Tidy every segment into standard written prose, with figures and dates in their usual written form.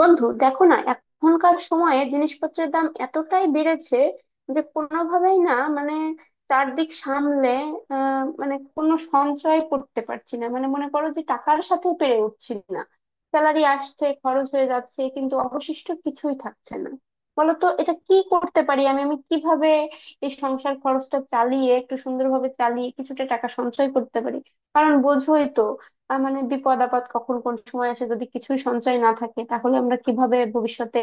বন্ধু, দেখো না, এখনকার সময়ে জিনিসপত্রের দাম এতটাই বেড়েছে যে কোনোভাবেই, না চারদিক সামলে আহ মানে কোনো সঞ্চয় করতে পারছি না। মানে, মনে করো যে টাকার সাথে পেরে উঠছি না। স্যালারি আসছে, খরচ হয়ে যাচ্ছে, কিন্তু অবশিষ্ট কিছুই থাকছে না। বলতো, এটা কি করতে পারি আমি আমি কিভাবে এই সংসার খরচটা চালিয়ে, একটু সুন্দরভাবে চালিয়ে, কিছুটা টাকা সঞ্চয় করতে পারি? কারণ বোঝোই তো, মানে বিপদ আপদ কখন কোন সময় আসে। যদি কিছুই সঞ্চয় না থাকে, তাহলে আমরা কিভাবে ভবিষ্যতে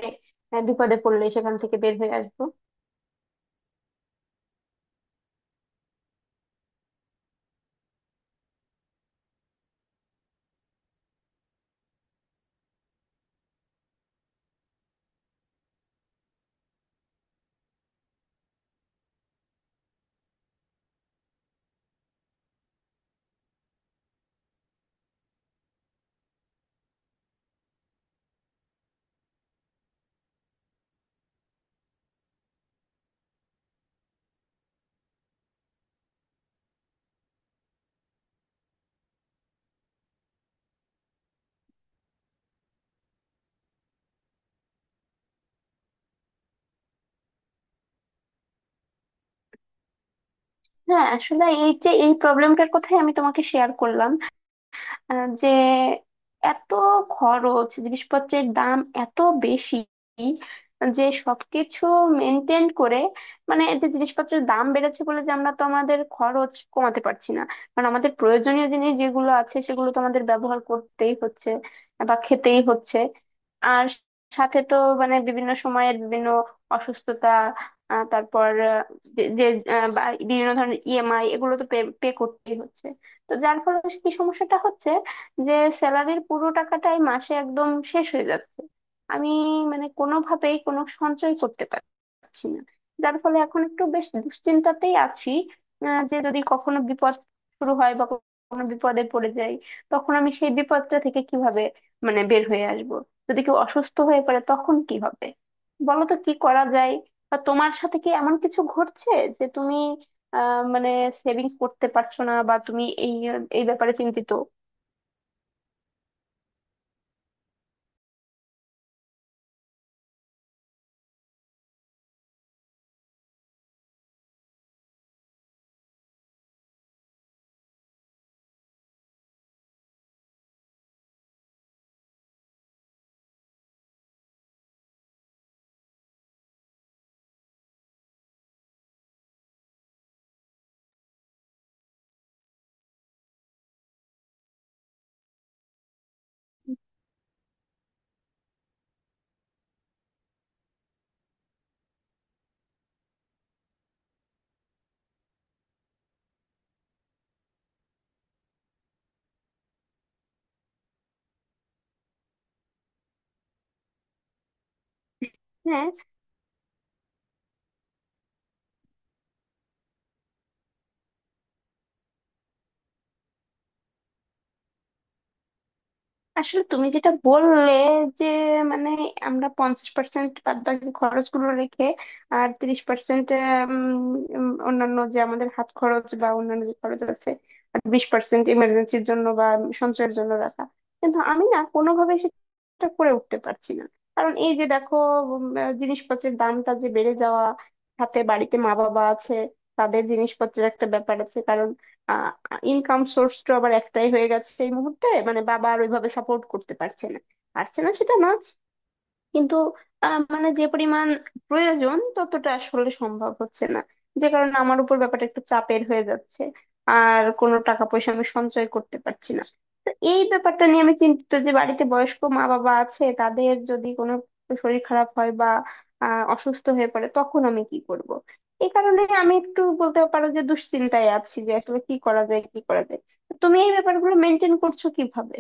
বিপদে পড়লে সেখান থেকে বের হয়ে আসবো? হ্যাঁ, আসলে এই যে এই প্রবলেমটার কথাই আমি তোমাকে শেয়ার করলাম। যে এত খরচ, জিনিসপত্রের দাম এত বেশি যে সবকিছু মেনটেন করে মানে, এই যে জিনিসপত্রের দাম বেড়েছে বলে যে আমরা তো আমাদের খরচ কমাতে পারছি না। কারণ আমাদের প্রয়োজনীয় জিনিস যেগুলো আছে, সেগুলো তো আমাদের ব্যবহার করতেই হচ্ছে বা খেতেই হচ্ছে। আর সাথে তো মানে বিভিন্ন সময়ের বিভিন্ন অসুস্থতা, আহ, তারপর আহ, যে যে, আহ, বা বিভিন্ন ধরনের ইএমআই, এগুলো তো পে পে করতেই হচ্ছে। তো যার ফলে কি সমস্যাটা হচ্ছে, যে স্যালারির পুরো টাকাটাই মাসে একদম শেষ হয়ে যাচ্ছে। আমি মানে কোনোভাবেই কোনো সঞ্চয় করতে পারছি না, যার ফলে এখন একটু বেশ দুশ্চিন্তাতেই আছি। যে যদি কখনো বিপদ শুরু হয় বা কোনো বিপদে পড়ে যাই, তখন আমি সেই বিপদটা থেকে কিভাবে মানে বের হয়ে আসব? যদি কেউ অসুস্থ হয়ে পড়ে, তখন কি হবে? বলো তো কি করা যায়? বা তোমার সাথে কি এমন কিছু ঘটছে যে তুমি আহ মানে সেভিংস করতে পারছো না বা তুমি এই এই ব্যাপারে চিন্তিত? হ্যাঁ, আসলে তুমি যেটা বললে, যে মানে আমরা 50% বাদ বাকি খরচ গুলো রেখে, আর 30% অন্যান্য যে আমাদের হাত খরচ বা অন্যান্য যে খরচ আছে, আর 20% ইমার্জেন্সির জন্য বা সঞ্চয়ের জন্য রাখা। কিন্তু আমি না কোনোভাবে সেটা করে উঠতে পারছি না। কারণ এই যে দেখো, জিনিসপত্রের দামটা যে বেড়ে যাওয়া, সাথে বাড়িতে মা বাবা আছে, তাদের জিনিসপত্রের একটা ব্যাপার আছে। কারণ ইনকাম সোর্সটা আবার একটাই হয়ে গেছে এই মুহূর্তে, মানে বাবা আর ওইভাবে সাপোর্ট করতে পারছে না। পারছে না সেটা না, কিন্তু মানে যে পরিমাণ প্রয়োজন ততটা আসলে সম্ভব হচ্ছে না। যে কারণে আমার উপর ব্যাপারটা একটু চাপের হয়ে যাচ্ছে, আর কোনো টাকা পয়সা আমি সঞ্চয় করতে পারছি না। তো এই ব্যাপারটা নিয়ে আমি চিন্তিত যে বাড়িতে বয়স্ক মা বাবা আছে, তাদের যদি কোনো শরীর খারাপ হয় বা অসুস্থ হয়ে পড়ে, তখন আমি কি করব? এই কারণে আমি একটু বলতে পারো যে দুশ্চিন্তায় আছি, যে আসলে কি করা যায়, কি করা যায়। তুমি এই ব্যাপারগুলো মেনটেন করছো কিভাবে?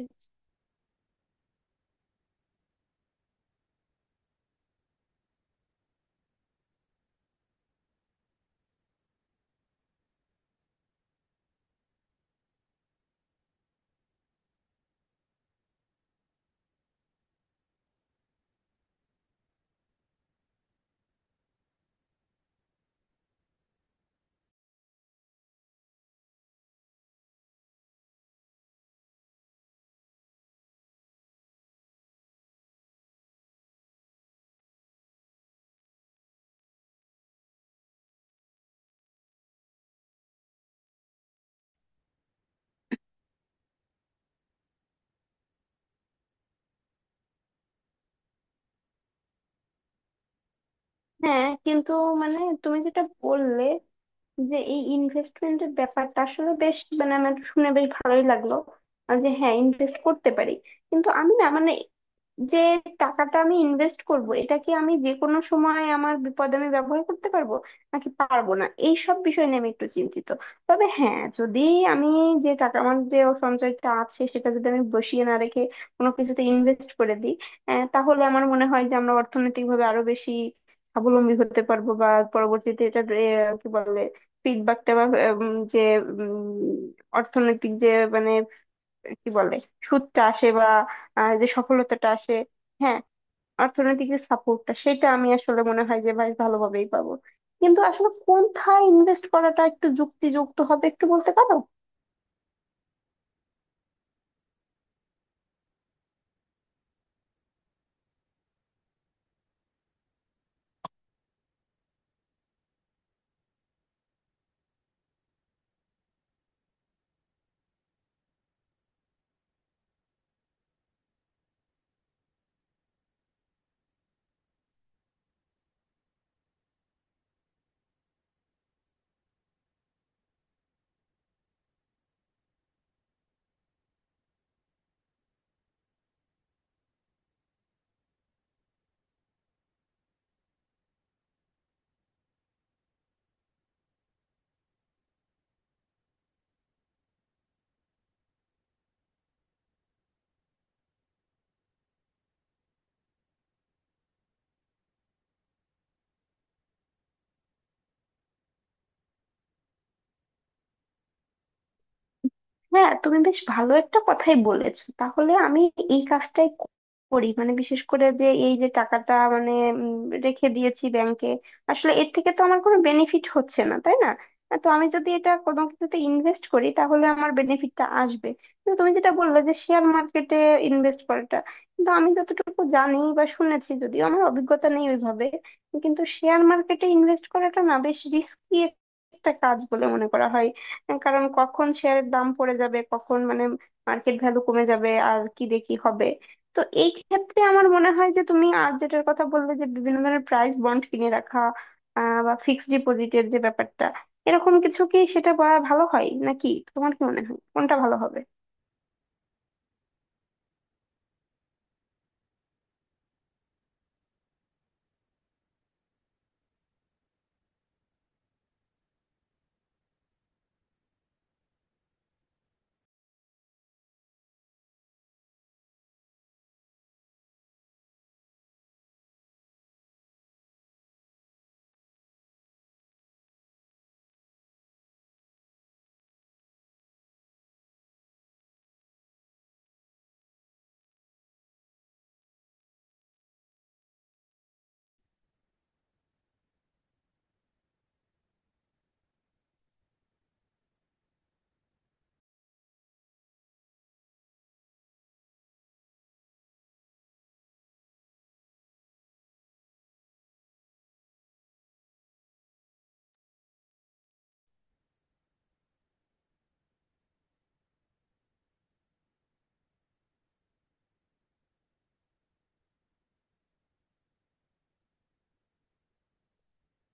হ্যাঁ, কিন্তু মানে তুমি যেটা বললে, যে এই ইনভেস্টমেন্টের ব্যাপারটা আসলে বেশ মানে আমার শুনে বেশ ভালোই লাগলো। আর যে হ্যাঁ, ইনভেস্ট করতে পারি, কিন্তু আমি না মানে যে টাকাটা আমি ইনভেস্ট করব, এটা কি আমি যে কোনো সময় আমার বিপদে আমি ব্যবহার করতে পারবো নাকি পারবো না, এই সব বিষয় নিয়ে আমি একটু চিন্তিত। তবে হ্যাঁ, যদি আমি যে টাকা আমার যে সঞ্চয়টা আছে সেটা যদি আমি বসিয়ে না রেখে কোনো কিছুতে ইনভেস্ট করে দিই, তাহলে আমার মনে হয় যে আমরা অর্থনৈতিকভাবে আরো বেশি স্বাবলম্বী হতে পারবো। বা পরবর্তীতে এটা কি বলে, ফিডব্যাকটা বা যে উম, অর্থনৈতিক যে মানে কি বলে সুদটা আসে বা যে সফলতাটা আসে। হ্যাঁ, অর্থনৈতিক যে সাপোর্টটা সেটা আমি আসলে মনে হয় যে ভাই ভালোভাবেই পাবো। কিন্তু আসলে কোনথায় ইনভেস্ট করাটা একটু যুক্তিযুক্ত হবে, একটু বলতে পারো? হ্যাঁ, তুমি বেশ ভালো একটা কথাই বলেছো। তাহলে আমি এই কাজটাই করি, মানে বিশেষ করে যে এই যে টাকাটা মানে উম, রেখে দিয়েছি ব্যাংকে, আসলে এর থেকে তো আমার কোনো বেনিফিট হচ্ছে না, তাই না? তো আমি যদি এটা কোনো কিছুতে ইনভেস্ট করি, তাহলে আমার বেনিফিটটা আসবে। কিন্তু তুমি যেটা বললে যে শেয়ার মার্কেটে ইনভেস্ট করাটা, কিন্তু আমি যতটুকু জানি বা শুনেছি, যদিও আমার অভিজ্ঞতা নেই ওইভাবে, কিন্তু শেয়ার মার্কেটে ইনভেস্ট করাটা না বেশ রিস্কি একটা কাজ বলে মনে করা হয়। কারণ কখন শেয়ারের দাম পড়ে যাবে, কখন মানে মার্কেট ভ্যালু কমে যাবে আর কি দেখি হবে। তো এই ক্ষেত্রে আমার মনে হয় যে তুমি আর যেটার কথা বললে যে বিভিন্ন ধরনের প্রাইস বন্ড কিনে রাখা, বা ফিক্সড ডিপোজিটের যে ব্যাপারটা, এরকম কিছু কি সেটা বা ভালো হয় নাকি? তোমার কি মনে হয় কোনটা ভালো হবে?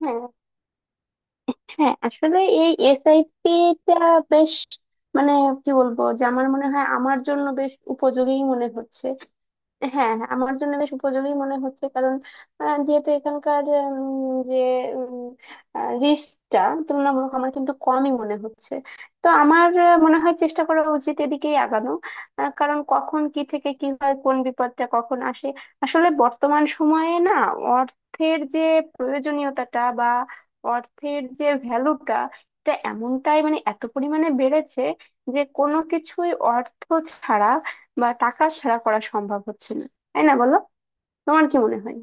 হ্যাঁ, হ্যাঁ, আসলে এই এসআইপি টা বেশ মানে কি বলবো, যে আমার মনে হয় আমার জন্য বেশ উপযোগী মনে হচ্ছে। হ্যাঁ, হ্যাঁ, আমার জন্য বেশ উপযোগী মনে হচ্ছে। কারণ যেহেতু এখানকার উম, যে রিস্কটা তুলনামূলক আমার কিন্তু কমই মনে হচ্ছে। তো আমার মনে হয় চেষ্টা করা উচিত এদিকেই আগানো। কারণ কখন কি থেকে কি হয়, কোন বিপদটা কখন আসে। আসলে বর্তমান সময়ে না অর্থের যে প্রয়োজনীয়তাটা বা অর্থের যে ভ্যালুটা, এটা এমনটাই মানে এত পরিমাণে বেড়েছে যে কোনো কিছুই অর্থ ছাড়া বা টাকা ছাড়া করা সম্ভব হচ্ছে না, তাই না বলো? তোমার কি মনে হয়?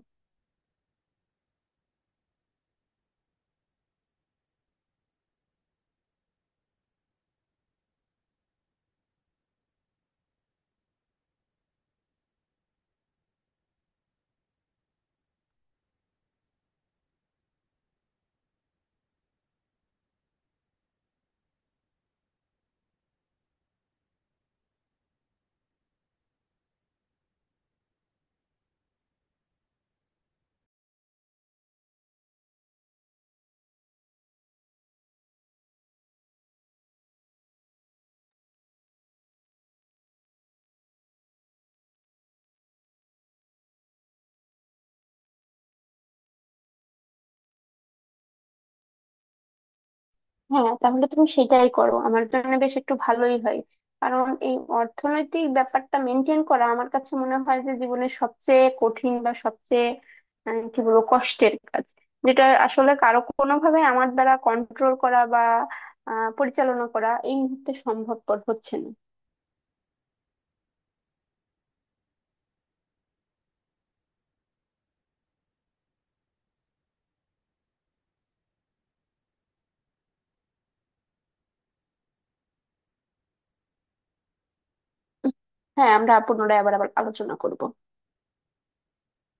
হ্যাঁ, তাহলে তুমি সেটাই করো, আমার জন্য বেশ একটু ভালোই হয়। কারণ এই অর্থনৈতিক ব্যাপারটা মেনটেন করা আমার কাছে মনে হয় যে জীবনের সবচেয়ে কঠিন বা সবচেয়ে কি বলবো, কষ্টের কাজ, যেটা আসলে কারো কোনোভাবে আমার দ্বারা কন্ট্রোল করা বা পরিচালনা করা এই মুহূর্তে সম্ভবপর হচ্ছে না। হ্যাঁ, আমরা পুনরায় আবার আবার আলোচনা করব।